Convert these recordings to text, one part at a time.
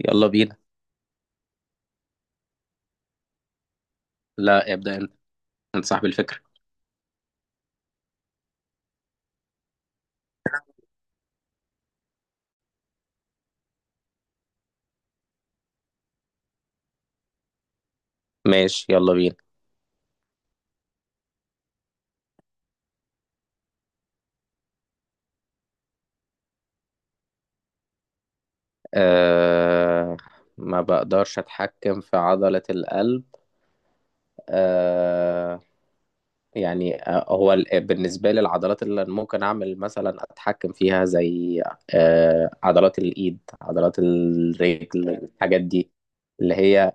يلا بينا. لا، ابدأ انت. انت صاحب الفكرة. ماشي يلا بينا. أه، ما بقدرش اتحكم في عضلة القلب. أه يعني بالنسبة لي العضلات اللي ممكن اعمل مثلا اتحكم فيها زي أه عضلات الايد، عضلات الرجل، الحاجات دي اللي هي.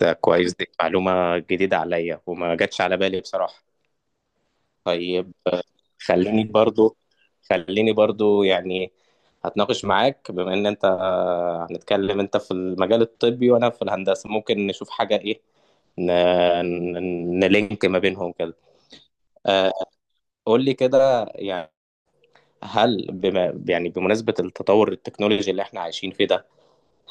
ده كويس، دي معلومة جديدة عليا وما جاتش على بالي بصراحة. طيب آه، خليني برضو خليني برضو يعني هتناقش معاك، بما ان انت آه، هنتكلم، انت في المجال الطبي وانا في الهندسة، ممكن نشوف حاجة ايه ن... نلينك ما بينهم كده. آه، قول لي كده يعني، هل بما يعني بمناسبة التطور التكنولوجي اللي احنا عايشين فيه ده،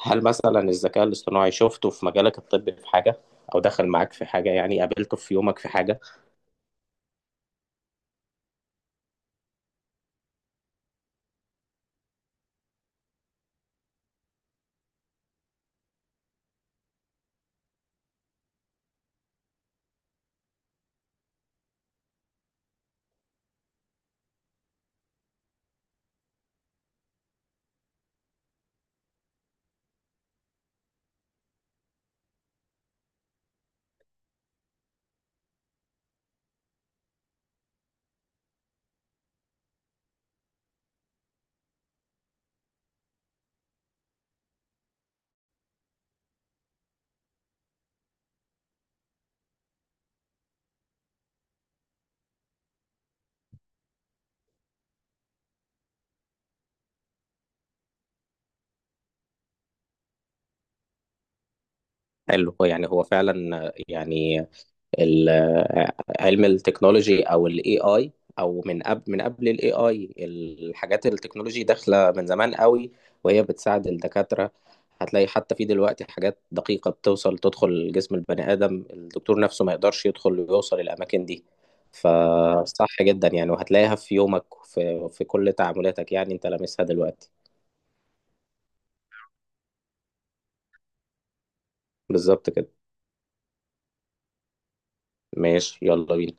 هل مثلا الذكاء الاصطناعي شفته في مجالك الطبي في حاجة او دخل معاك في حاجة يعني قابلته في يومك في حاجة؟ حلو. يعني هو فعلا آه، يعني ال- علم التكنولوجي او الاي اي، او من قبل من قبل الاي اي الحاجات التكنولوجي داخله من زمان قوي، وهي بتساعد الدكاتره. هتلاقي حتى في دلوقتي حاجات دقيقه بتوصل تدخل جسم البني ادم الدكتور نفسه ما يقدرش يدخل ويوصل الاماكن دي. فصح جدا يعني، وهتلاقيها في يومك في في كل تعاملاتك يعني، انت لامسها دلوقتي. بالظبط كده. ماشي يلا بينا.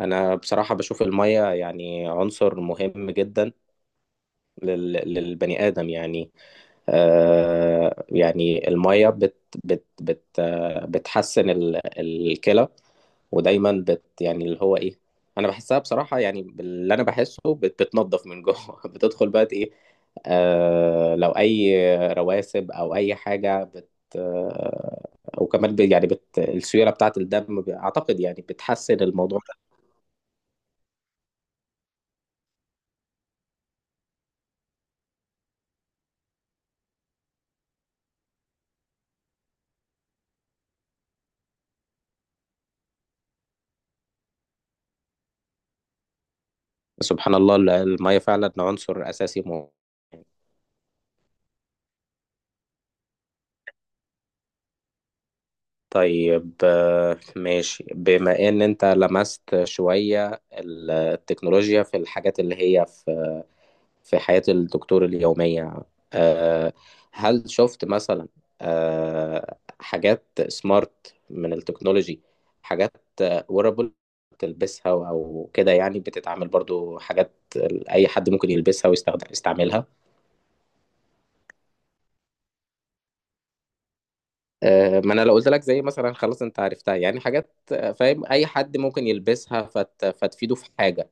انا بصراحه بشوف الميه يعني عنصر مهم جدا للبني آدم يعني. آه يعني المية بت بت بت آه، بتحسن الكلى، ودايما بت يعني اللي هو ايه، انا بحسها بصراحة يعني باللي انا بحسه، بت بتنضف من جوه، بتدخل بقى ايه آه لو اي رواسب او اي حاجة بت آه. وكمان يعني بت السيولة بتاعة الدم اعتقد يعني بتحسن الموضوع ده. سبحان الله، المية فعلا عنصر اساسي مهم. طيب آه، ماشي، بما ان انت لمست شوية التكنولوجيا في الحاجات اللي هي في في حياة الدكتور اليومية، آه، هل شفت مثلا آه، حاجات سمارت من التكنولوجي، حاجات ويرابل، تلبسها او كده يعني، بتتعامل برضو حاجات اي حد ممكن يلبسها ويستخدم يستعملها؟ آه، ما انا لو قلت لك زي مثلا خلاص انت عرفتها. يعني حاجات آه، فاهم، اي حد ممكن يلبسها فتفيده في حاجه.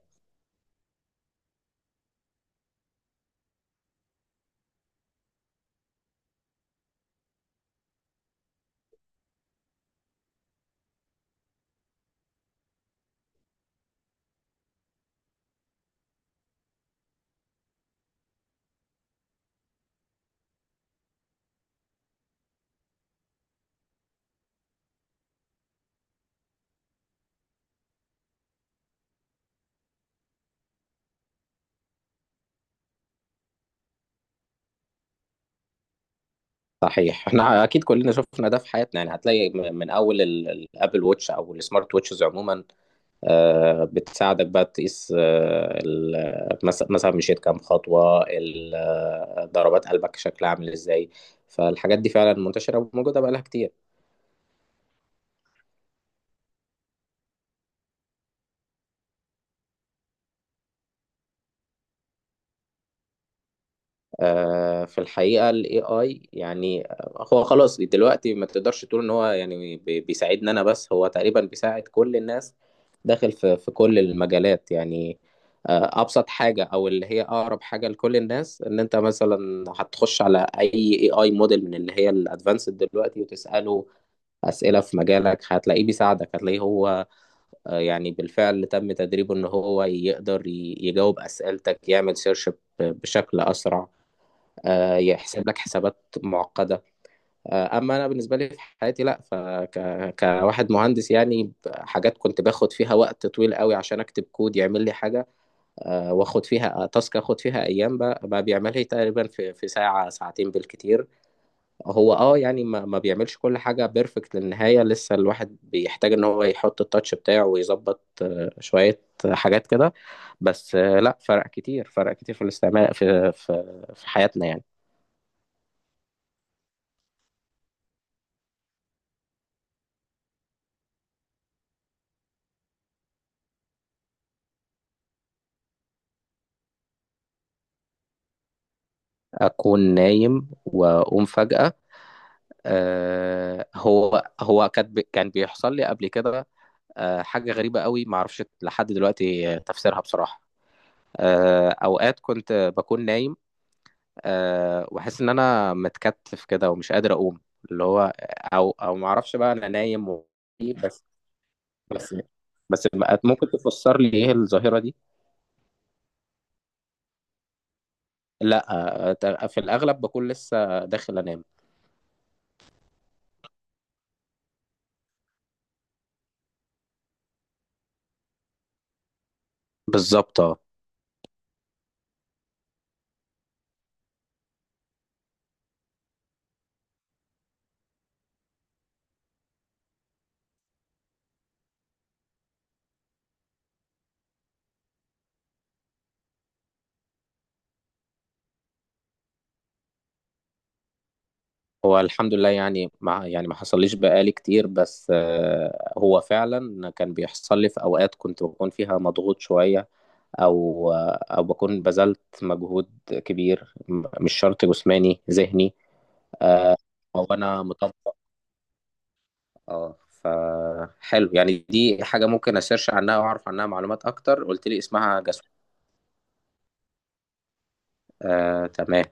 صحيح، احنا اكيد كلنا شفنا ده في حياتنا، يعني هتلاقي من اول الابل ووتش او السمارت ووتشز عموما، آه، بتساعدك بقى تقيس آه، مثلا مشيت كام خطوه، ضربات قلبك شكلها عامل ازاي. فالحاجات دي فعلا منتشره وموجوده بقى لها كتير. آه، في الحقيقة ال AI يعني هو خلاص دلوقتي ما تقدرش تقول ان هو يعني بيساعدنا انا بس، هو تقريبا بيساعد كل الناس، داخل في في كل المجالات يعني. آه، ابسط حاجة او اللي هي اقرب حاجة لكل الناس، ان انت مثلا هتخش على اي AI موديل من اللي هي الادفانسد دلوقتي وتسأله اسئلة في مجالك، هتلاقيه بيساعدك، هتلاقيه هو آه، يعني بالفعل تم تدريبه ان هو يقدر يجاوب اسئلتك، يعمل سيرش بشكل اسرع، آه، يحسب لك حسابات معقدة. آه، أما أنا بالنسبة لي في حياتي، لأ كواحد مهندس يعني حاجات كنت باخد فيها وقت طويل قوي عشان أكتب كود يعمل لي حاجة، آه، واخد فيها آه، تاسك اخد فيها أيام، بقى بقى بيعملها لي تقريبا في ساعة ساعتين بالكتير. هو اه يعني ما بيعملش كل حاجة بيرفكت للنهاية، لسه الواحد بيحتاج إن هو يحط التاتش بتاعه ويظبط آه، شوية حاجات كده، بس آه، لأ، فرق كتير، فرق كتير في الاستعمال في في حياتنا يعني. اكون نايم واقوم فجأة، آه هو هو كان كان بيحصل لي قبل كده، آه حاجة غريبة قوي ما اعرفش لحد دلوقتي تفسيرها بصراحة. آه اوقات كنت بكون نايم، آه واحس ان انا متكتف كده ومش قادر اقوم، اللي هو او ما اعرفش بقى، انا نايم و... بس، بس، بس، ممكن تفسر لي ايه الظاهرة دي؟ لا، آه، في الاغلب بكون لسه داخل انام. بالظبط اه. هو الحمد لله، يعني مع يعني ما حصليش بقالي كتير، بس آه، هو فعلا كان بيحصل لي في اوقات كنت بكون فيها مضغوط شوية، او آه، او بكون بذلت مجهود كبير مش شرط جسماني، ذهني، او انا مطبق. اه، فحلو يعني، دي حاجة ممكن اسيرش عنها واعرف عنها معلومات اكتر. قلت لي اسمها جسم؟ آه تمام.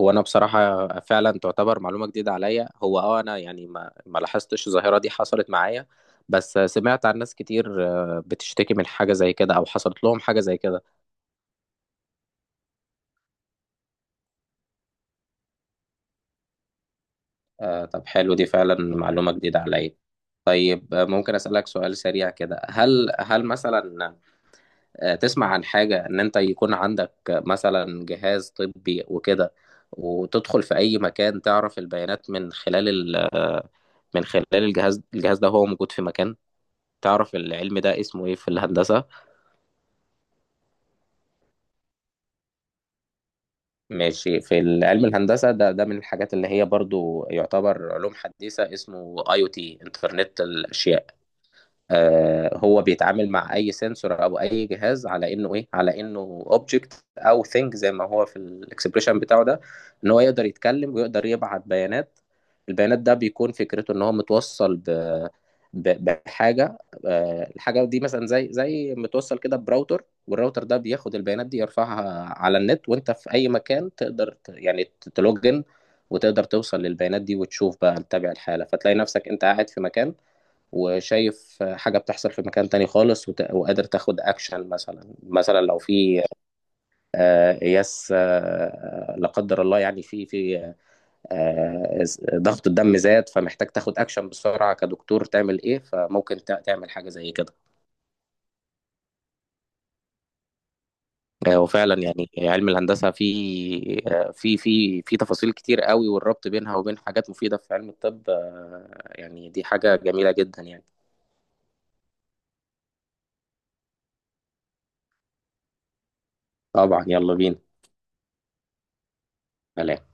هو انا بصراحه فعلا تعتبر معلومه جديده عليا، هو اه انا يعني ما لاحظتش الظاهره دي حصلت معايا، بس سمعت عن ناس كتير آه، بتشتكي من حاجه زي كده او حصلت لهم حاجه زي كده. آه، طب حلو، دي فعلا معلومه جديده عليا. طيب آه، ممكن اسالك سؤال سريع كده، هل هل مثلا آه، تسمع عن حاجه ان انت يكون عندك مثلا جهاز طبي وكده، وتدخل في اي مكان تعرف البيانات من خلال من خلال الجهاز, الجهاز ده هو موجود في مكان، تعرف العلم ده اسمه ايه في الهندسة؟ ماشي، في علم الهندسة ده، ده من الحاجات اللي هي برضو يعتبر علوم حديثة، اسمه اي او تي، انترنت الاشياء. آه، هو بيتعامل مع اي سنسور او اي جهاز على انه ايه، على انه اوبجكت او ثينج زي ما هو في الاكسبريشن بتاعه ده، ان هو يقدر يتكلم ويقدر يبعت بيانات. البيانات ده بيكون فكرته ان هو متوصل ب بحاجه، آه، الحاجه دي مثلا زي زي متوصل كده براوتر، والراوتر ده بياخد البيانات دي يرفعها على النت، وانت في اي مكان تقدر يعني تلوجن وتقدر توصل للبيانات دي وتشوف بقى تتابع الحاله. فتلاقي نفسك انت قاعد في مكان وشايف حاجة بتحصل في مكان تاني خالص، وقادر تاخد أكشن، مثلا مثلا لو في آه، قياس آه، لا قدر الله يعني في في آه، ضغط الدم زاد، فمحتاج تاخد أكشن بسرعة كدكتور، تعمل إيه؟ فممكن تعمل حاجة زي كده. آه، وفعلا يعني علم الهندسة في آه، في في تفاصيل كتير قوي، والربط بينها وبين حاجات مفيدة في علم الطب آه، يعني دي حاجة جميلة جدا يعني. طبعا يلا بينا. سلام.